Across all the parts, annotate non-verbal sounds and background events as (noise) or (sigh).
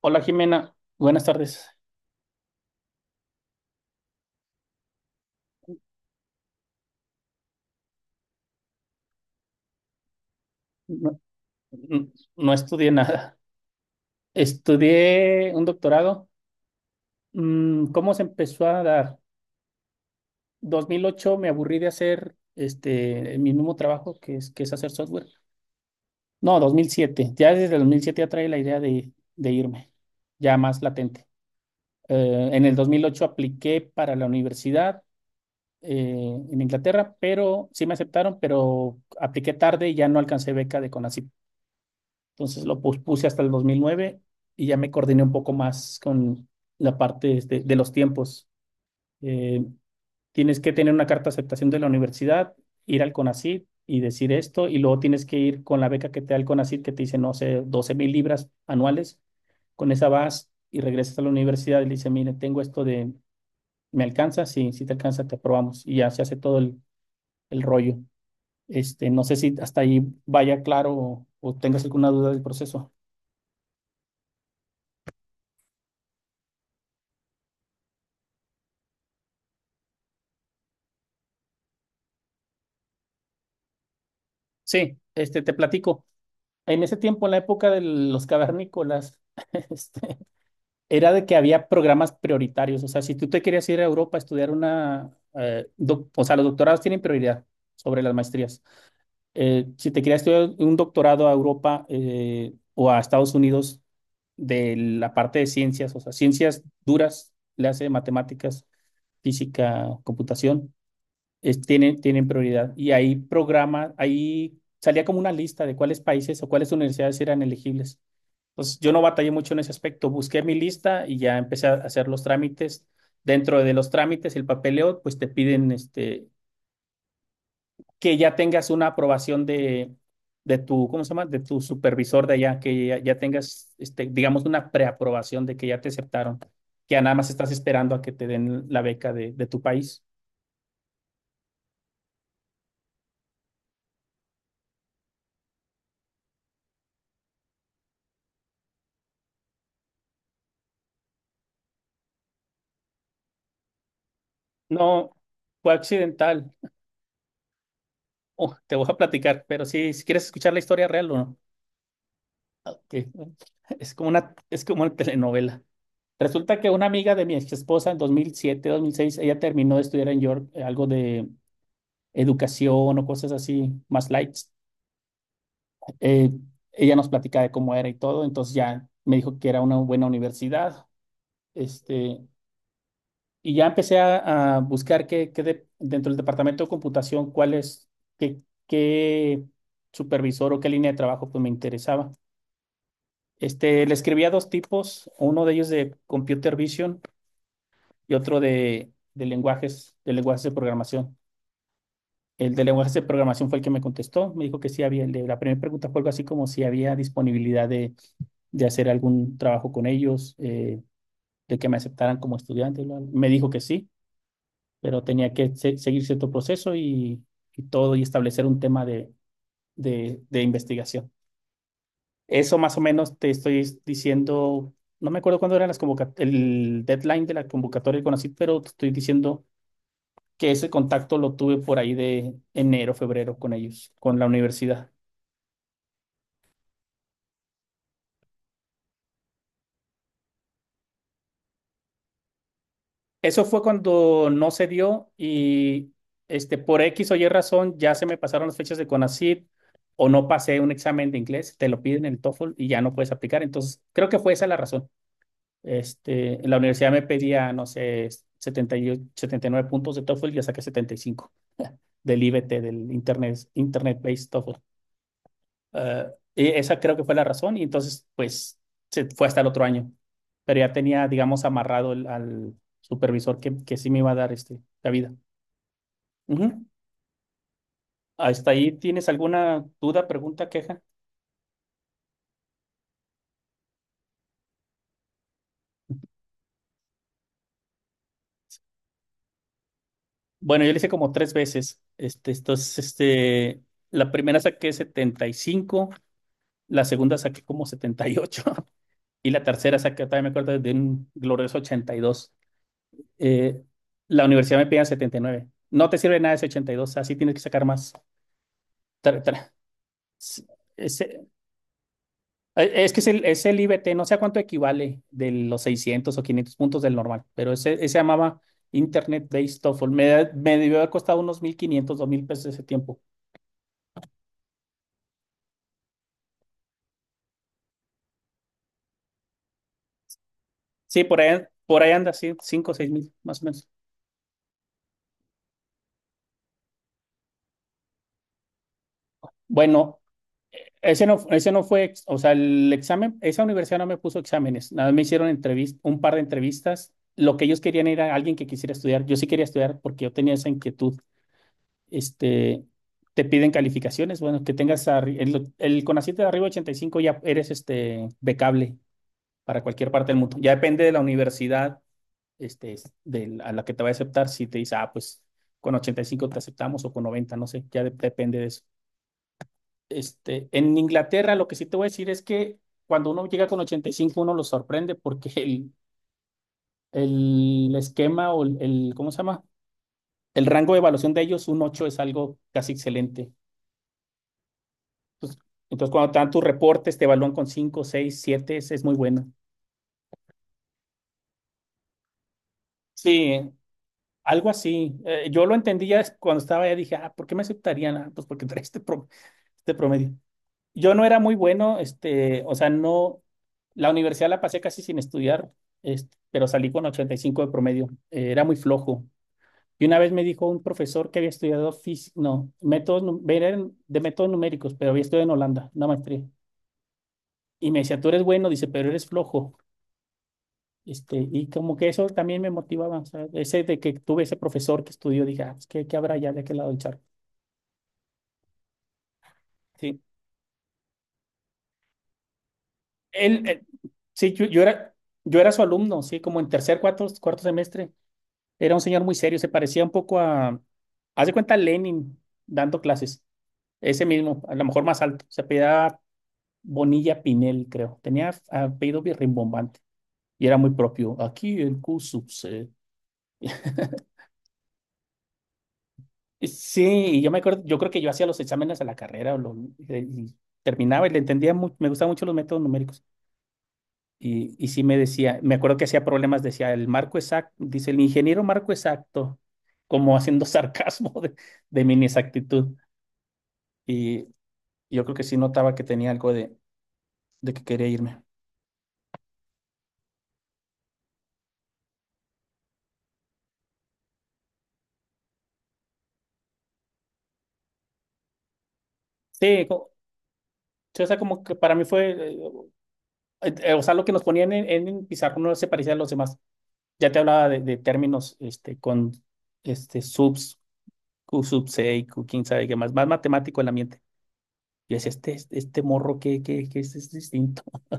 Hola Jimena, buenas tardes. No, n- no estudié nada. Estudié un doctorado. ¿Cómo se empezó a dar? 2008 me aburrí de hacer mi mismo trabajo, que es, hacer software. No, 2007. Ya desde el 2007 ya trae la idea de irme, ya más latente. En el 2008 apliqué para la universidad, en Inglaterra, pero sí me aceptaron, pero apliqué tarde y ya no alcancé beca de. Entonces lo puse hasta el 2009 y ya me coordiné un poco más con la parte los tiempos. Eh, Tienes que tener una carta de aceptación de la universidad, ir al CONACYT y decir esto, y luego tienes que ir con la beca que te da el CONACYT, que te dice, no sé, 12,000 libras anuales. Con esa vas y regresas a la universidad y le dice, mire, tengo esto de, ¿me alcanza? Sí, si te alcanza, te aprobamos. Y ya se hace todo el rollo. No sé si hasta ahí vaya claro o tengas alguna duda del proceso. Sí, te platico. En ese tiempo, en la época de los cavernícolas, (laughs) este, era de que había programas prioritarios. O sea, si tú te querías ir a Europa a estudiar una, o sea, los doctorados tienen prioridad sobre las maestrías. Si te querías estudiar un doctorado a Europa, o a Estados Unidos, de la parte de ciencias, o sea, ciencias duras, le hace matemáticas, física, computación, tienen prioridad. Y ahí salía como una lista de cuáles países o cuáles universidades eran elegibles. Entonces, yo no batallé mucho en ese aspecto. Busqué mi lista y ya empecé a hacer los trámites. Dentro de los trámites, el papeleo, pues te piden que ya tengas una aprobación de tu, ¿cómo se llama? De tu supervisor de allá, que ya tengas, digamos, una preaprobación de que ya te aceptaron, que ya nada más estás esperando a que te den la beca de tu país. No, fue accidental. Oh, te voy a platicar, pero si quieres escuchar la historia real o no, que es como una telenovela. Resulta que una amiga de mi ex esposa en 2007, 2006, ella terminó de estudiar en York, algo de educación o cosas así más light. Eh, Ella nos platicaba de cómo era y todo, entonces ya me dijo que era una buena universidad. Este, y ya empecé a buscar dentro del departamento de computación, cuál es, qué, qué supervisor o qué línea de trabajo pues me interesaba. Le escribí a dos tipos, uno de ellos de computer vision y otro de lenguajes, de lenguajes de programación. El de lenguajes de programación fue el que me contestó, me dijo que sí había, el de la primera pregunta fue algo así como si había disponibilidad de hacer algún trabajo con ellos, de que me aceptaran como estudiante. Bla, bla. Me dijo que sí, pero tenía que seguir cierto proceso y todo y establecer un tema de investigación. Eso más o menos te estoy diciendo, no me acuerdo cuándo era las el deadline de la convocatoria con ACID, pero te estoy diciendo que ese contacto lo tuve por ahí de enero, febrero con ellos, con la universidad. Eso fue cuando no se dio y por X o Y razón ya se me pasaron las fechas de CONACYT o no pasé un examen de inglés, te lo piden en el TOEFL y ya no puedes aplicar. Entonces, creo que fue esa la razón. En la universidad me pedía, no sé, 78, 79 puntos de TOEFL y ya saqué 75 (laughs) del IBT, del Internet Based TOEFL. Eh, y esa creo que fue la razón y entonces, pues, se fue hasta el otro año. Pero ya tenía, digamos, amarrado al supervisor que sí me iba a dar, la vida. Ujú. ¿Hasta ahí tienes alguna duda, pregunta, queja? Bueno, yo le hice como tres veces. Entonces, la primera saqué 75. La segunda saqué como 78, (laughs) y la tercera saqué, también me acuerdo, de un glorioso 82. Eh, la universidad me pedía 79. No te sirve nada ese 82, así tienes que sacar más. Tra- tra- s- ese- es que es el IBT, no sé a cuánto equivale de los 600 o 500 puntos del normal, pero ese se llamaba Internet Based TOEFL. Me debió haber costado unos 1,500 2,000 pesos ese tiempo. Sí, por ahí anda, sí, 5,000 o 6,000 más o menos. Bueno, ese no fue, ex- o sea, el examen, esa universidad no me puso exámenes, nada más me hicieron un par de entrevistas. Lo que ellos querían era alguien que quisiera estudiar. Yo sí quería estudiar porque yo tenía esa inquietud. Este, Te piden calificaciones, bueno, que tengas el CONACYT de arriba de 85, ya eres becable para cualquier parte del mundo. Ya depende de la universidad, a la que te va a aceptar, si te dice, "Ah, pues con 85 te aceptamos o con 90, no sé", ya depende de eso. En Inglaterra, lo que sí te voy a decir es que cuando uno llega con 85, uno lo sorprende, porque el esquema o ¿cómo se llama? El rango de evaluación de ellos, un 8 es algo casi excelente. Entonces, cuando te dan tus reportes, te evalúan con 5, 6, 7, es muy bueno. Sí, algo así. Yo lo entendía cuando estaba allá, dije, ah, ¿por qué me aceptarían? Ah, pues porque trae, promedio. Yo no era muy bueno, o sea, no, la universidad la pasé casi sin estudiar, pero salí con 85 de promedio, era muy flojo. Y una vez me dijo un profesor que había estudiado no, métodos, eran de métodos numéricos, pero había estudiado en Holanda, una maestría. Y me decía, tú eres bueno, dice, pero eres flojo. Y como que eso también me motivaba, o sea, ese de que tuve ese profesor que estudió, dije, ah, pues, ¿qué habrá ya de aquel lado del charco. Sí, él, él- sí, yo era su alumno, sí, como en tercer, cuarto semestre. Era un señor muy serio, se parecía un poco a, haz de cuenta, Lenin dando clases. Ese mismo, a lo mejor más alto. Se apellidaba Bonilla Pinel, creo. Tenía apellido bien rimbombante y era muy propio. Aquí el Q sub C. Sí, y yo me acuerdo, yo creo que yo hacía los exámenes a la carrera o y terminaba y le entendía mucho, me gustaban mucho los métodos numéricos. Y sí me decía, me acuerdo que hacía problemas, decía el marco exacto, dice el ingeniero marco exacto, como haciendo (laughs) sarcasmo de mi inexactitud. Y yo creo que sí notaba que tenía algo de que quería irme. Sí, sí, o sea, como que para mí fue, o sea, lo que nos ponían en el no se parecía a los demás. Ya te hablaba de términos, este, subs, Q sub C, Q quién sabe qué más matemático el ambiente. Y decía, este morro que es distinto. (laughs)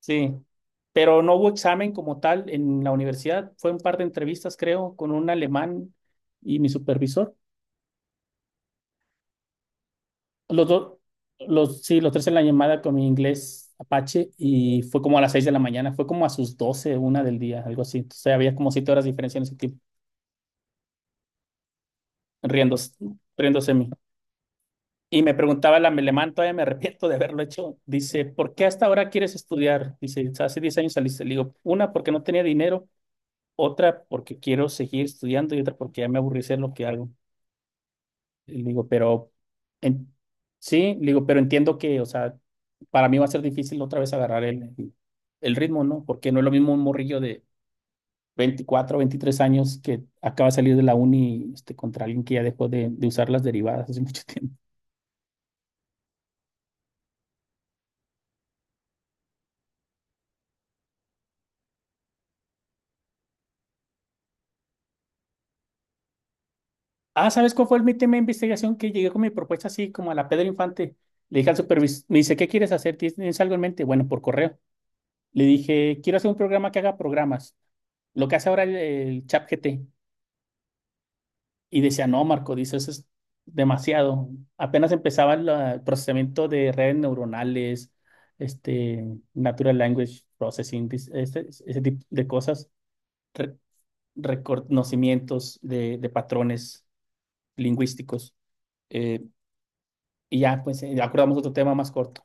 Sí, pero no hubo examen como tal en la universidad. Fue un par de entrevistas, creo, con un alemán y mi supervisor. Los dos, los, sí, los tres en la llamada con mi inglés Apache, y fue como a las 6 de la mañana, fue como a sus 12 una del día, algo así. Entonces había como 7 horas de diferencia en ese tiempo, riéndose, riéndose de mí. Y me preguntaba el alemán, todavía me arrepiento de haberlo hecho. Dice, ¿por qué hasta ahora quieres estudiar? Dice, hace 10 años saliste. Le digo, una porque no tenía dinero, otra porque quiero seguir estudiando y otra porque ya me aburrí de hacer lo que hago. Y le digo, en, sí, le digo, pero entiendo que, o sea, para mí va a ser difícil otra vez agarrar el ritmo, ¿no? Porque no es lo mismo un morrillo de 24, 23 años que acaba de salir de la uni, contra alguien que ya dejó de usar las derivadas hace (laughs) mucho tiempo. Ah, ¿sabes cuál fue el mi tema de investigación? Que llegué con mi propuesta así, como a la Pedro Infante. Le dije al supervisor, me dice, ¿qué quieres hacer? ¿Tienes algo en mente? Bueno, por correo. Le dije, quiero hacer un programa que haga programas. Lo que hace ahora el ChatGPT. Y decía, no, Marco, dice, eso es demasiado. Apenas empezaba el procesamiento de redes neuronales, este, natural language processing, ese tipo de cosas, re- reconocimientos de patrones lingüísticos. Eh, y ya, pues, acordamos otro tema más corto.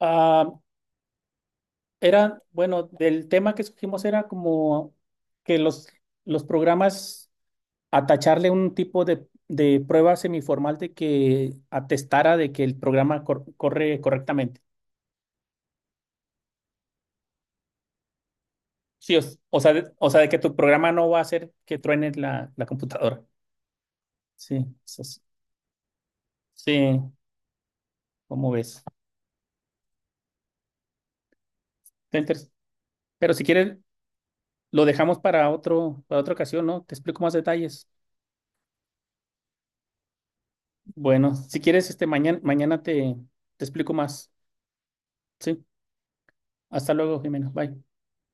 Ah, era, bueno, del tema que escogimos era como que los programas atacharle un tipo de prueba semiformal de que atestara de que el programa corre correctamente. Sí, o sea, de que tu programa no va a hacer que truene la computadora. Sí, eso es- sí, ¿cómo ves? Está interes- Pero si quieres, lo dejamos para otra ocasión, ¿no? Te explico más detalles. Bueno, si quieres, mañana te explico más. Sí, hasta luego, Jimena. Bye.